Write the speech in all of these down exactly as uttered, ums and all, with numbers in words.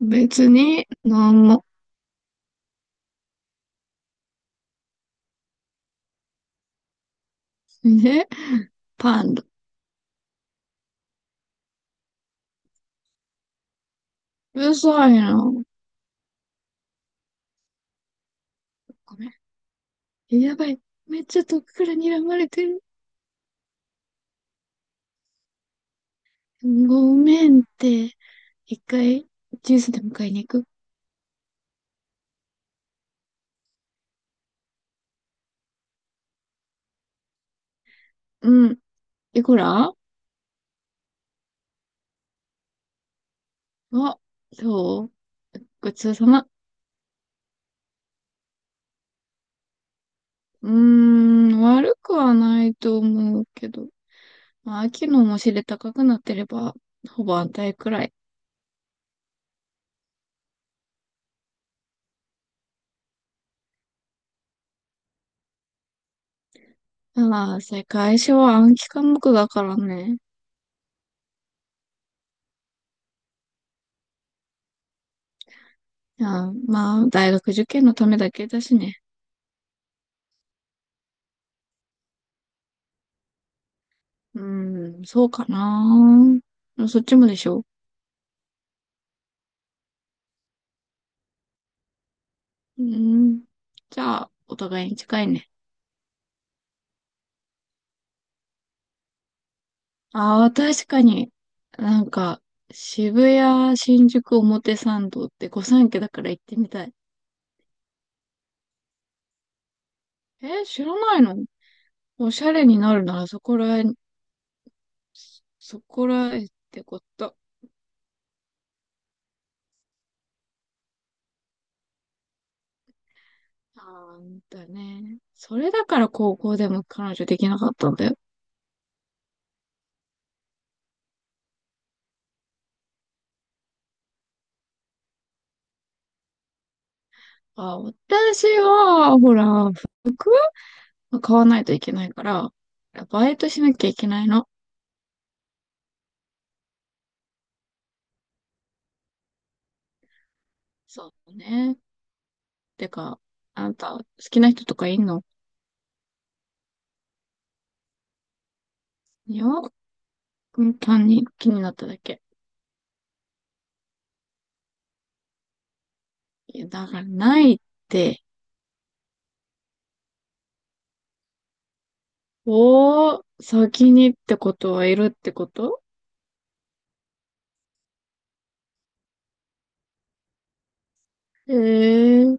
別に、なんも。ね、パンダ。うるさいな。ごめん。やばい。めっちゃ遠くから睨まれてる。ごめんって。一回、ジュースでも買いに行く。うん。いくら。あ、そう。ごちそうさま。うーん、悪くはないと思うけど。まあ、秋のもしれ高くなってれば、ほぼ安泰くらい。ああ、世界史は暗記科目だからね。ああ、まあ、大学受験のためだけだしね。うん、そうかな。でもそっちもでしょ？うん。じゃあ、お互いに近いね。ああ、確かに。なんか、渋谷、新宿、表参道って御三家だから行ってみたい。え、知らないの？おしゃれになるならそこらへん、そこらへんってこと。あんだね。それだから高校でも彼女できなかったんだよ。あ、私は、ほら、福買わないといけないから、バイトしなきゃいけないの。そうね。てか、あんた、好きな人とかいんの？いや、単に気になっただけ。いや、だからないって。おー、先にってことはいるってこと？ええー、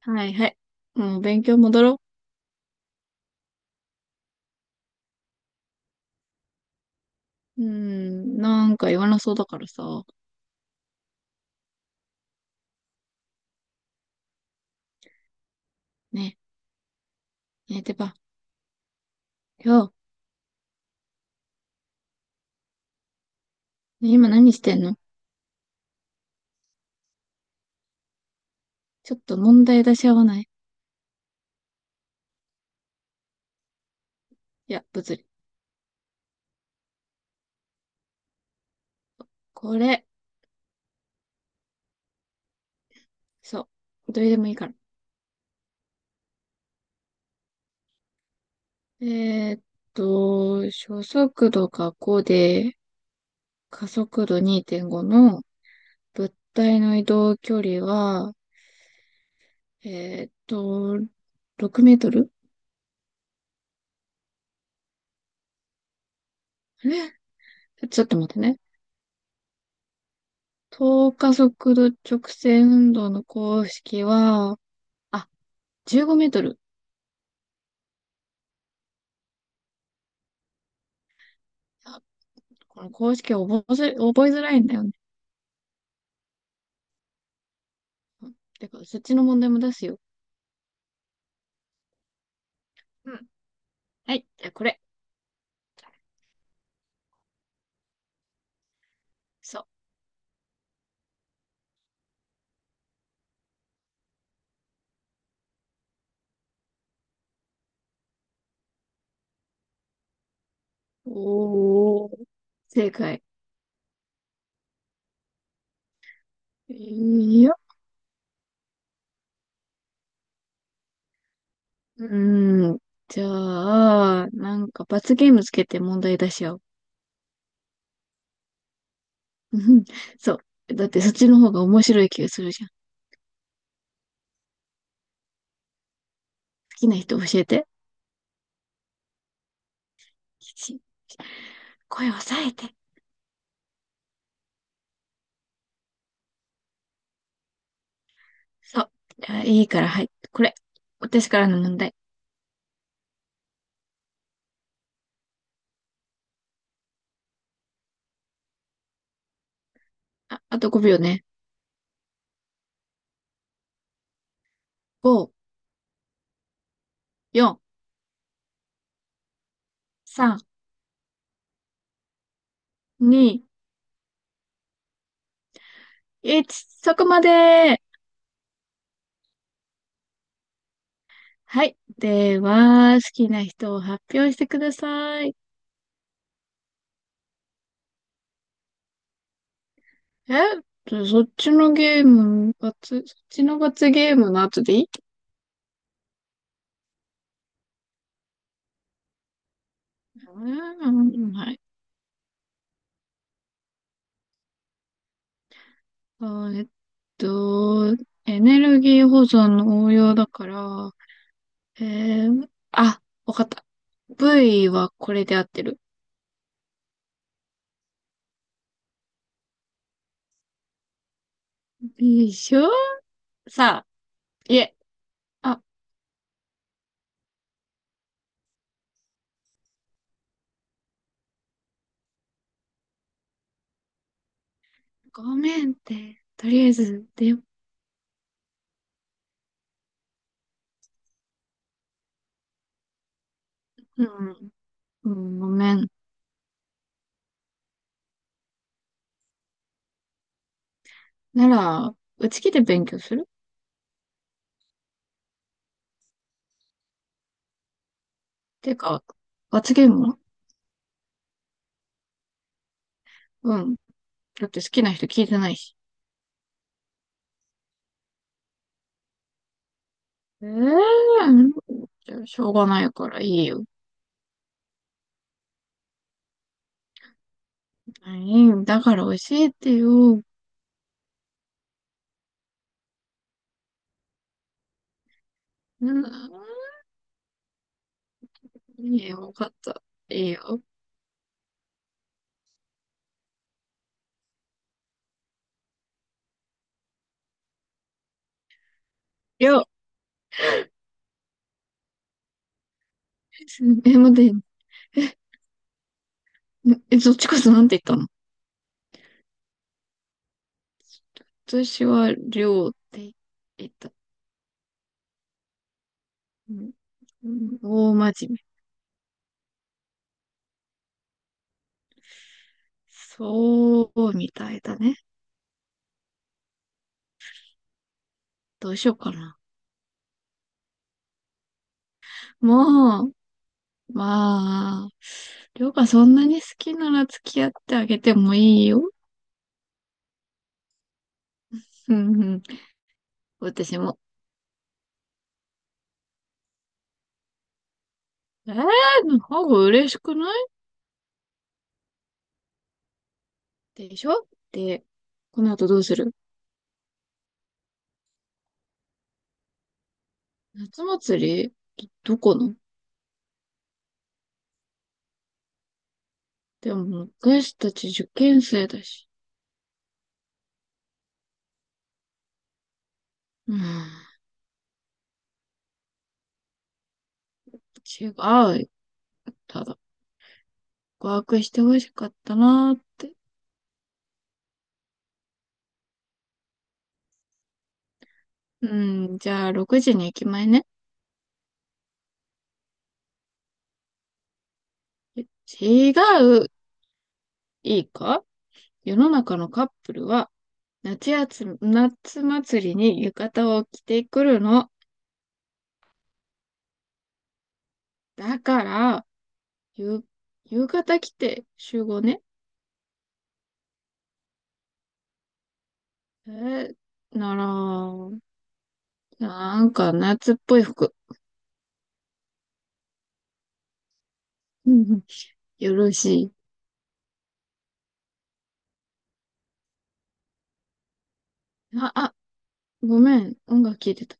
はいはい。もう勉強戻ろう。うーん、なんか言わなそうだからさ。ねえ、ねえ、てば、今日、ね、今何してんの？ちょっと問題出し合わない？いや、物理。これ、そう、どれでもいいから。えーっと、初速度がごで、加速度にてんごの物体の移動距離は、えーっと、ろくメートル。あれちょっと待ってね。等加速度直線運動の公式は、あ、じゅうごメートル。あ、この公式覚えづ、覚えづらいんだよね。うん、てか、そっちの問題も出すよ。うん。はい、じゃあこれ。そう。おー、正解。よ。うーん。じゃあ、なんか罰ゲームつけて問題出し合おう。うん、そう。だってそっちの方が面白い気がするじゃん。好きな人教えて。吉、声を抑えて。そう。じゃあいいから、はい。これ。私からの問題。あ、あとごびょうね。ご、よん、さん、に、いち。そこまで。はい。では、好きな人を発表してください。え、そっちのゲーム、罰、そっちの罰ゲームの後でいい？うん、うん、はい。あーえっと、エネルギー保存の応用だから、えー、あ、わかった。V はこれで合ってる？でしょ？さあ、いえ、あ、ごめんって、とりあえず、でよ、うん、うん、ごめん。なら、うち来て勉強する？てか、罰ゲームは？うん。だって好きな人聞いてないし。ええー、じゃあしょうがないからいいよ。はい、だから教えてよ。うん。いいよ、わかった。いいよ。りょう、え、待って、え、そっちこそなんて言ったの？私は、りょうって言った。うん。うん、大真面目。そう、みたいだね。どうしようかな。もう、まあ、りょうがそんなに好きなら付き合ってあげてもいいよ。うん、うん。私も。えー、の方が嬉しくない？でしょ？で、この後どうする？夏祭り？どこの？でも、私たち受験生だし。うん、違う。ただ、告白してほしかったなーって。うん、じゃあ、ろくじに駅前ね。違う。いいか？世の中のカップルは、夏やつ、夏祭りに浴衣を着てくるの。だから、ゆ、浴衣着て集合ね。えー、なら、なんか夏っぽい服。うん、うん、よろしい。あ、あ、ごめん。音楽聴いてた。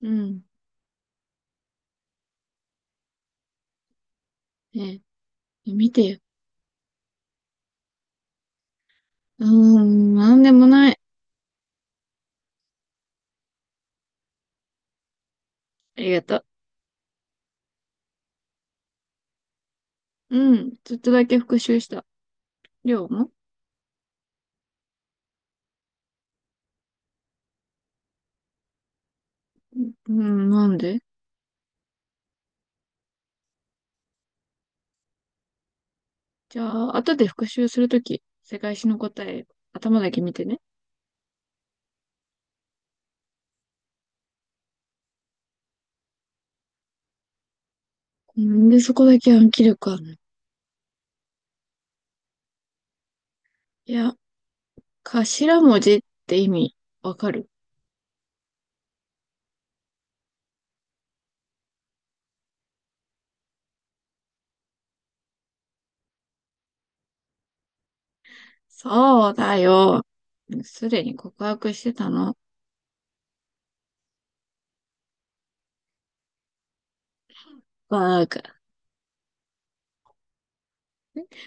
うん。ねえ、見てよ。うーん、なんでもない。ありがとう。うん、ちょっとだけ復習した。りょうも？うん、なんで？じゃあ、後で復習するとき、世界史の答え、頭だけ見てね。なんで、そこだけ暗記力あるの？いや、頭文字って意味、わかる？そうだよ。すでに告白してたの。バーカ。